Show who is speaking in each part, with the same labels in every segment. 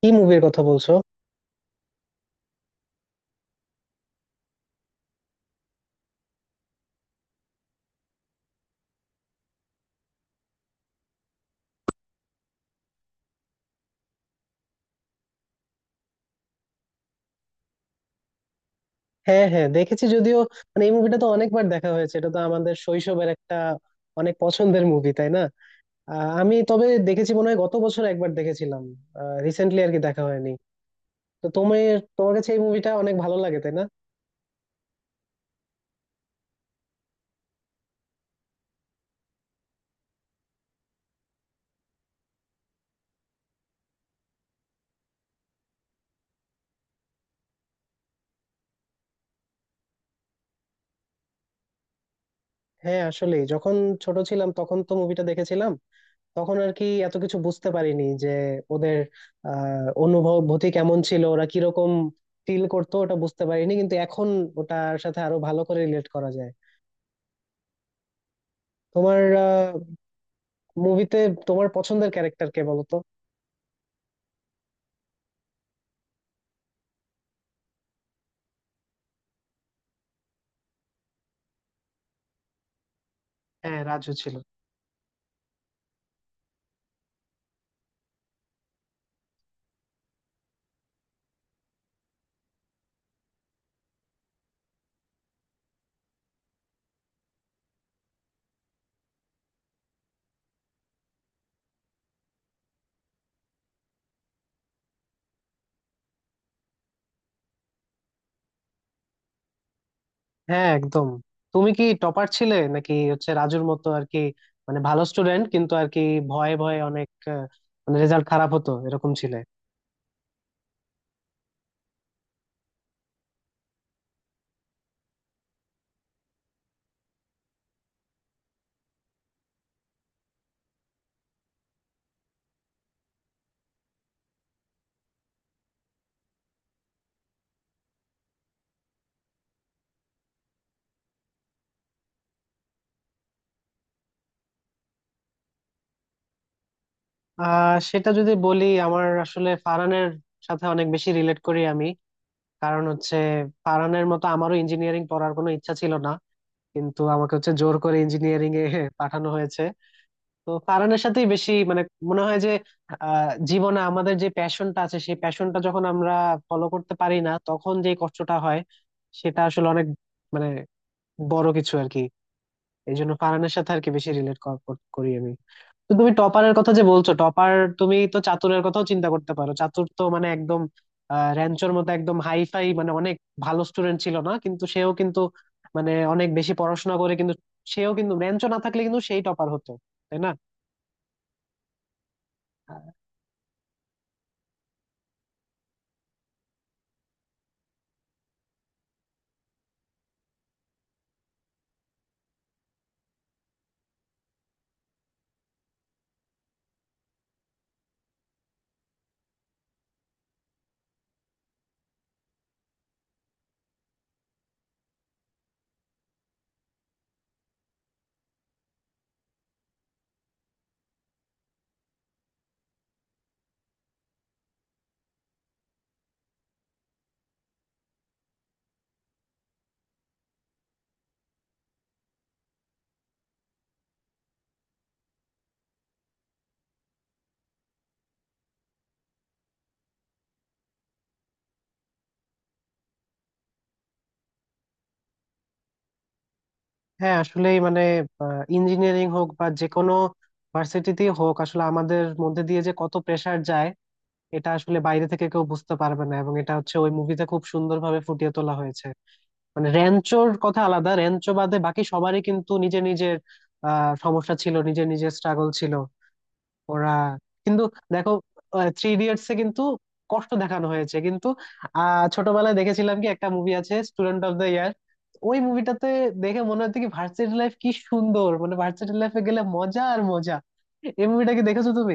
Speaker 1: কি মুভির কথা বলছো? হ্যাঁ, হ্যাঁ দেখেছি যদিও। মানে এই মুভিটা তো অনেকবার দেখা হয়েছে, এটা তো আমাদের শৈশবের একটা অনেক পছন্দের মুভি, তাই না? আমি তবে দেখেছি মনে হয় গত বছর একবার দেখেছিলাম, রিসেন্টলি আর কি দেখা হয়নি। তো তোমার তোমার কাছে এই মুভিটা অনেক ভালো লাগে, তাই না? হ্যাঁ, আসলে যখন ছোট ছিলাম তখন তো মুভিটা দেখেছিলাম, তখন আর কি এত কিছু বুঝতে পারিনি যে ওদের অনুভূতি কেমন ছিল, ওরা কিরকম ফিল করতো ওটা বুঝতে পারিনি, কিন্তু এখন ওটার সাথে আরো ভালো করে রিলেট করা যায়। তোমার মুভিতে তোমার পছন্দের ক্যারেক্টার কে বলো তো? হ্যাঁ, রাজু ছিল। হ্যাঁ, একদম। তুমি কি টপার ছিলে নাকি হচ্ছে রাজুর মতো আর কি, মানে ভালো স্টুডেন্ট কিন্তু আর কি ভয়ে ভয়ে অনেক, মানে রেজাল্ট খারাপ হতো এরকম ছিলে? সেটা যদি বলি, আমার আসলে ফারহানের সাথে অনেক বেশি রিলেট করি আমি। কারণ হচ্ছে ফারহানের মতো আমারও ইঞ্জিনিয়ারিং পড়ার কোনো ইচ্ছা ছিল না, কিন্তু আমাকে হচ্ছে জোর করে ইঞ্জিনিয়ারিং এ পাঠানো হয়েছে। তো কারণের সাথেই বেশি মানে মনে হয় যে জীবনে আমাদের যে প্যাশনটা আছে সেই প্যাশনটা যখন আমরা ফলো করতে পারি না, তখন যে কষ্টটা হয় সেটা আসলে অনেক মানে বড় কিছু আর কি। এই জন্য ফারহানের সাথে আর কি বেশি রিলেট করি আমি। তো তুমি টপারের কথা যে বলছো, টপার তুমি তো চাতুরের কথাও চিন্তা করতে পারো। চাতুর তো মানে একদম র্যাঞ্চোর মতো একদম হাই ফাই মানে অনেক ভালো স্টুডেন্ট ছিল না, কিন্তু সেও কিন্তু মানে অনেক বেশি পড়াশোনা করে, কিন্তু সেও কিন্তু র্যাঞ্চো না থাকলে কিন্তু সেই টপার হতো, তাই না? হ্যাঁ, আসলেই মানে ইঞ্জিনিয়ারিং হোক বা যে কোনো ভার্সিটিতেই হোক, আসলে আমাদের মধ্যে দিয়ে যে কত প্রেসার যায় এটা আসলে বাইরে থেকে কেউ বুঝতে পারবে না, এবং এটা হচ্ছে ওই মুভিতে খুব সুন্দরভাবে ফুটিয়ে তোলা হয়েছে। মানে র্যাঞ্চোর কথা আলাদা, র্যাঞ্চো বাদে বাকি সবারই কিন্তু নিজের নিজের সমস্যা ছিল, নিজের নিজের স্ট্রাগল ছিল ওরা, কিন্তু দেখো থ্রি ইডিয়টস এ কিন্তু কষ্ট দেখানো হয়েছে, কিন্তু ছোটবেলায় দেখেছিলাম কি একটা মুভি আছে, স্টুডেন্ট অফ দ্য ইয়ার। ওই মুভিটাতে দেখে মনে হতো কি ভার্সিটি লাইফ কি সুন্দর, মানে ভার্সিটি লাইফে গেলে মজা আর মজা। এই মুভিটা কি দেখেছো তুমি?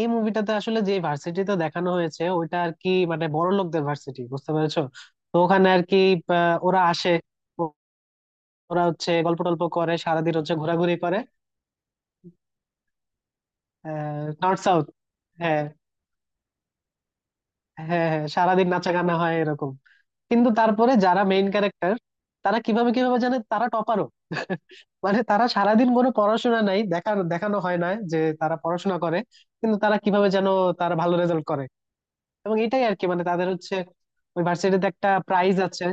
Speaker 1: এই মুভিটাতে আসলে যে ভার্সিটিতে দেখানো হয়েছে ওইটা আর কি মানে বড় লোকদের ভার্সিটি, বুঝতে পেরেছো? তো ওখানে আর কি ওরা আসে, ও- ওরা হচ্ছে গল্প টল্প করে, সারাদিন হচ্ছে ঘোরাঘুরি করে। নর্থ সাউথ, হ্যাঁ হ্যাঁ হ্যাঁ হ্যাঁ, সারাদিন নাচা গানা হয় এরকম। কিন্তু তারপরে যারা মেইন ক্যারেক্টার, তারা কিভাবে কিভাবে জানে তারা টপারও। মানে তারা সারাদিন কোনো পড়াশোনা নাই, দেখা দেখানো হয় না যে তারা পড়াশোনা করে, কিন্তু তারা কিভাবে যেন তারা ভালো রেজাল্ট করে। এবং এটাই আর কি মানে তাদের হচ্ছে ওই ভার্সিটিতে একটা প্রাইজ আছে।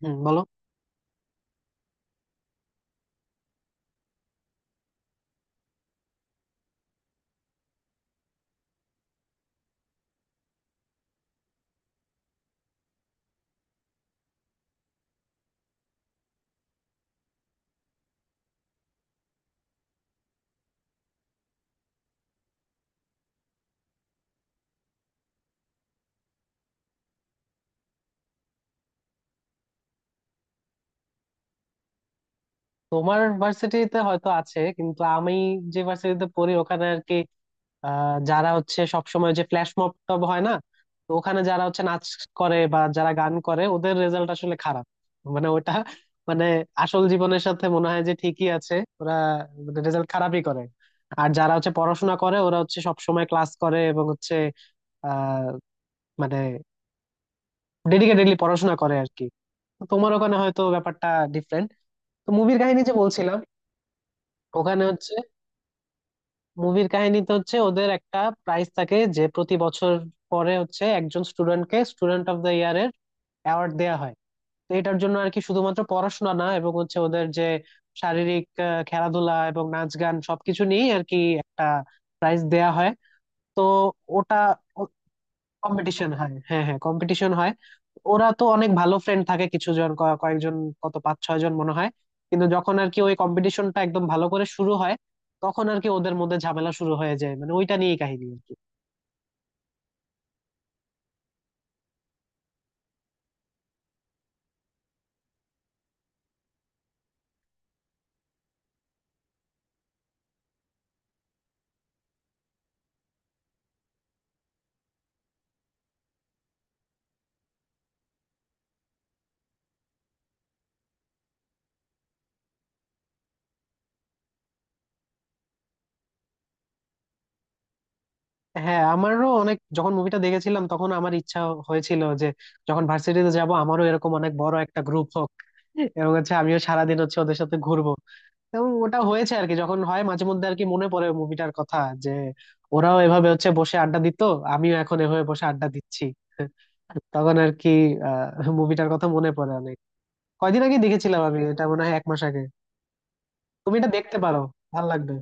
Speaker 1: হুম, বলো। তোমার ভার্সিটিতে হয়তো আছে, কিন্তু আমি যে ভার্সিটিতে পড়ি ওখানে আর কি যারা হচ্ছে সবসময় যে ফ্ল্যাশ মব টব হয় না, তো ওখানে যারা হচ্ছে নাচ করে বা যারা গান করে ওদের রেজাল্ট আসলে খারাপ। মানে ওটা মানে আসল জীবনের সাথে মনে হয় যে ঠিকই আছে, ওরা রেজাল্ট খারাপই করে। আর যারা হচ্ছে পড়াশোনা করে ওরা হচ্ছে সবসময় ক্লাস করে, এবং হচ্ছে আহ মানে ডেডিকেটেডলি পড়াশোনা করে আর কি। তো তোমার ওখানে হয়তো ব্যাপারটা ডিফারেন্ট। তো মুভির কাহিনী যে বলছিলাম, ওখানে হচ্ছে মুভির কাহিনীতে হচ্ছে ওদের একটা প্রাইজ থাকে যে প্রতি বছর পরে হচ্ছে একজন স্টুডেন্টকে স্টুডেন্ট অফ দ্য ইয়ার এর অ্যাওয়ার্ড দেওয়া হয়। তো এটার জন্য আর কি শুধুমাত্র পড়াশোনা না, এবং হচ্ছে ওদের যে শারীরিক খেলাধুলা এবং নাচ গান সবকিছু নিয়ে আর কি একটা প্রাইজ দেয়া হয়। তো ওটা কম্পিটিশন হয়, হ্যাঁ হ্যাঁ কম্পিটিশন হয়। ওরা তো অনেক ভালো ফ্রেন্ড থাকে কিছু জন, কয়েকজন, কত পাঁচ ছয় জন মনে হয়। কিন্তু যখন আর কি ওই কম্পিটিশনটা একদম ভালো করে শুরু হয় তখন আর কি ওদের মধ্যে ঝামেলা শুরু হয়ে যায়, মানে ওইটা নিয়েই কাহিনী আর কি। হ্যাঁ, আমারও অনেক যখন মুভিটা দেখেছিলাম তখন আমার ইচ্ছা হয়েছিল যে যখন ভার্সিটিতে যাব আমারও এরকম অনেক বড় একটা গ্রুপ হোক, এবং হচ্ছে আমিও সারাদিন হচ্ছে ওদের সাথে ঘুরবো। এবং ওটা হয়েছে আর কি, যখন হয় মাঝে মধ্যে আর কি মনে পড়ে মুভিটার কথা যে ওরাও এভাবে হচ্ছে বসে আড্ডা দিত, আমিও এখন এভাবে বসে আড্ডা দিচ্ছি। তখন আর কি মুভিটার কথা মনে পড়ে অনেক। কয়দিন আগে দেখেছিলাম আমি এটা, মনে হয় 1 মাস আগে। তুমি এটা দেখতে পারো, ভালো লাগবে।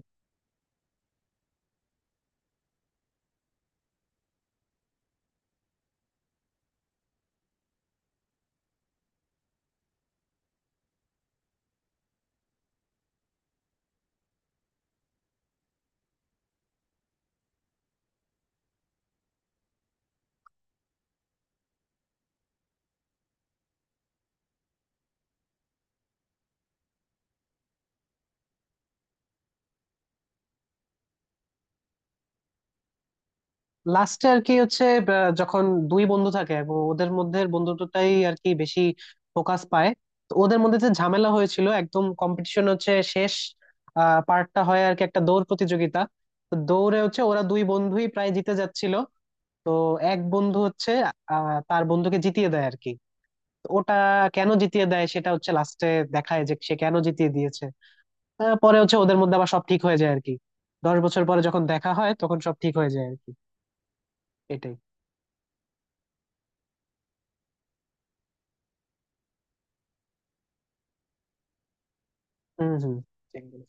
Speaker 1: লাস্টে আর কি হচ্ছে আহ, যখন দুই বন্ধু থাকে এবং ওদের মধ্যে বন্ধুত্বটাই আর কি বেশি ফোকাস পায়। তো ওদের মধ্যে যে ঝামেলা হয়েছিল একদম কম্পিটিশন হচ্ছে শেষ পার্টটা হয় আর কি একটা দৌড় প্রতিযোগিতা। তো দৌড়ে হচ্ছে ওরা দুই বন্ধুই প্রায় জিতে যাচ্ছিল। তো এক বন্ধু হচ্ছে তার বন্ধুকে জিতিয়ে দেয় আর কি। তো ওটা কেন জিতিয়ে দেয় সেটা হচ্ছে লাস্টে দেখায় যে সে কেন জিতিয়ে দিয়েছে। পরে হচ্ছে ওদের মধ্যে আবার সব ঠিক হয়ে যায় আর কি, 10 বছর পরে যখন দেখা হয় তখন সব ঠিক হয়ে যায় আর কি। এটাই। হুম, হুম। জঙ্গল।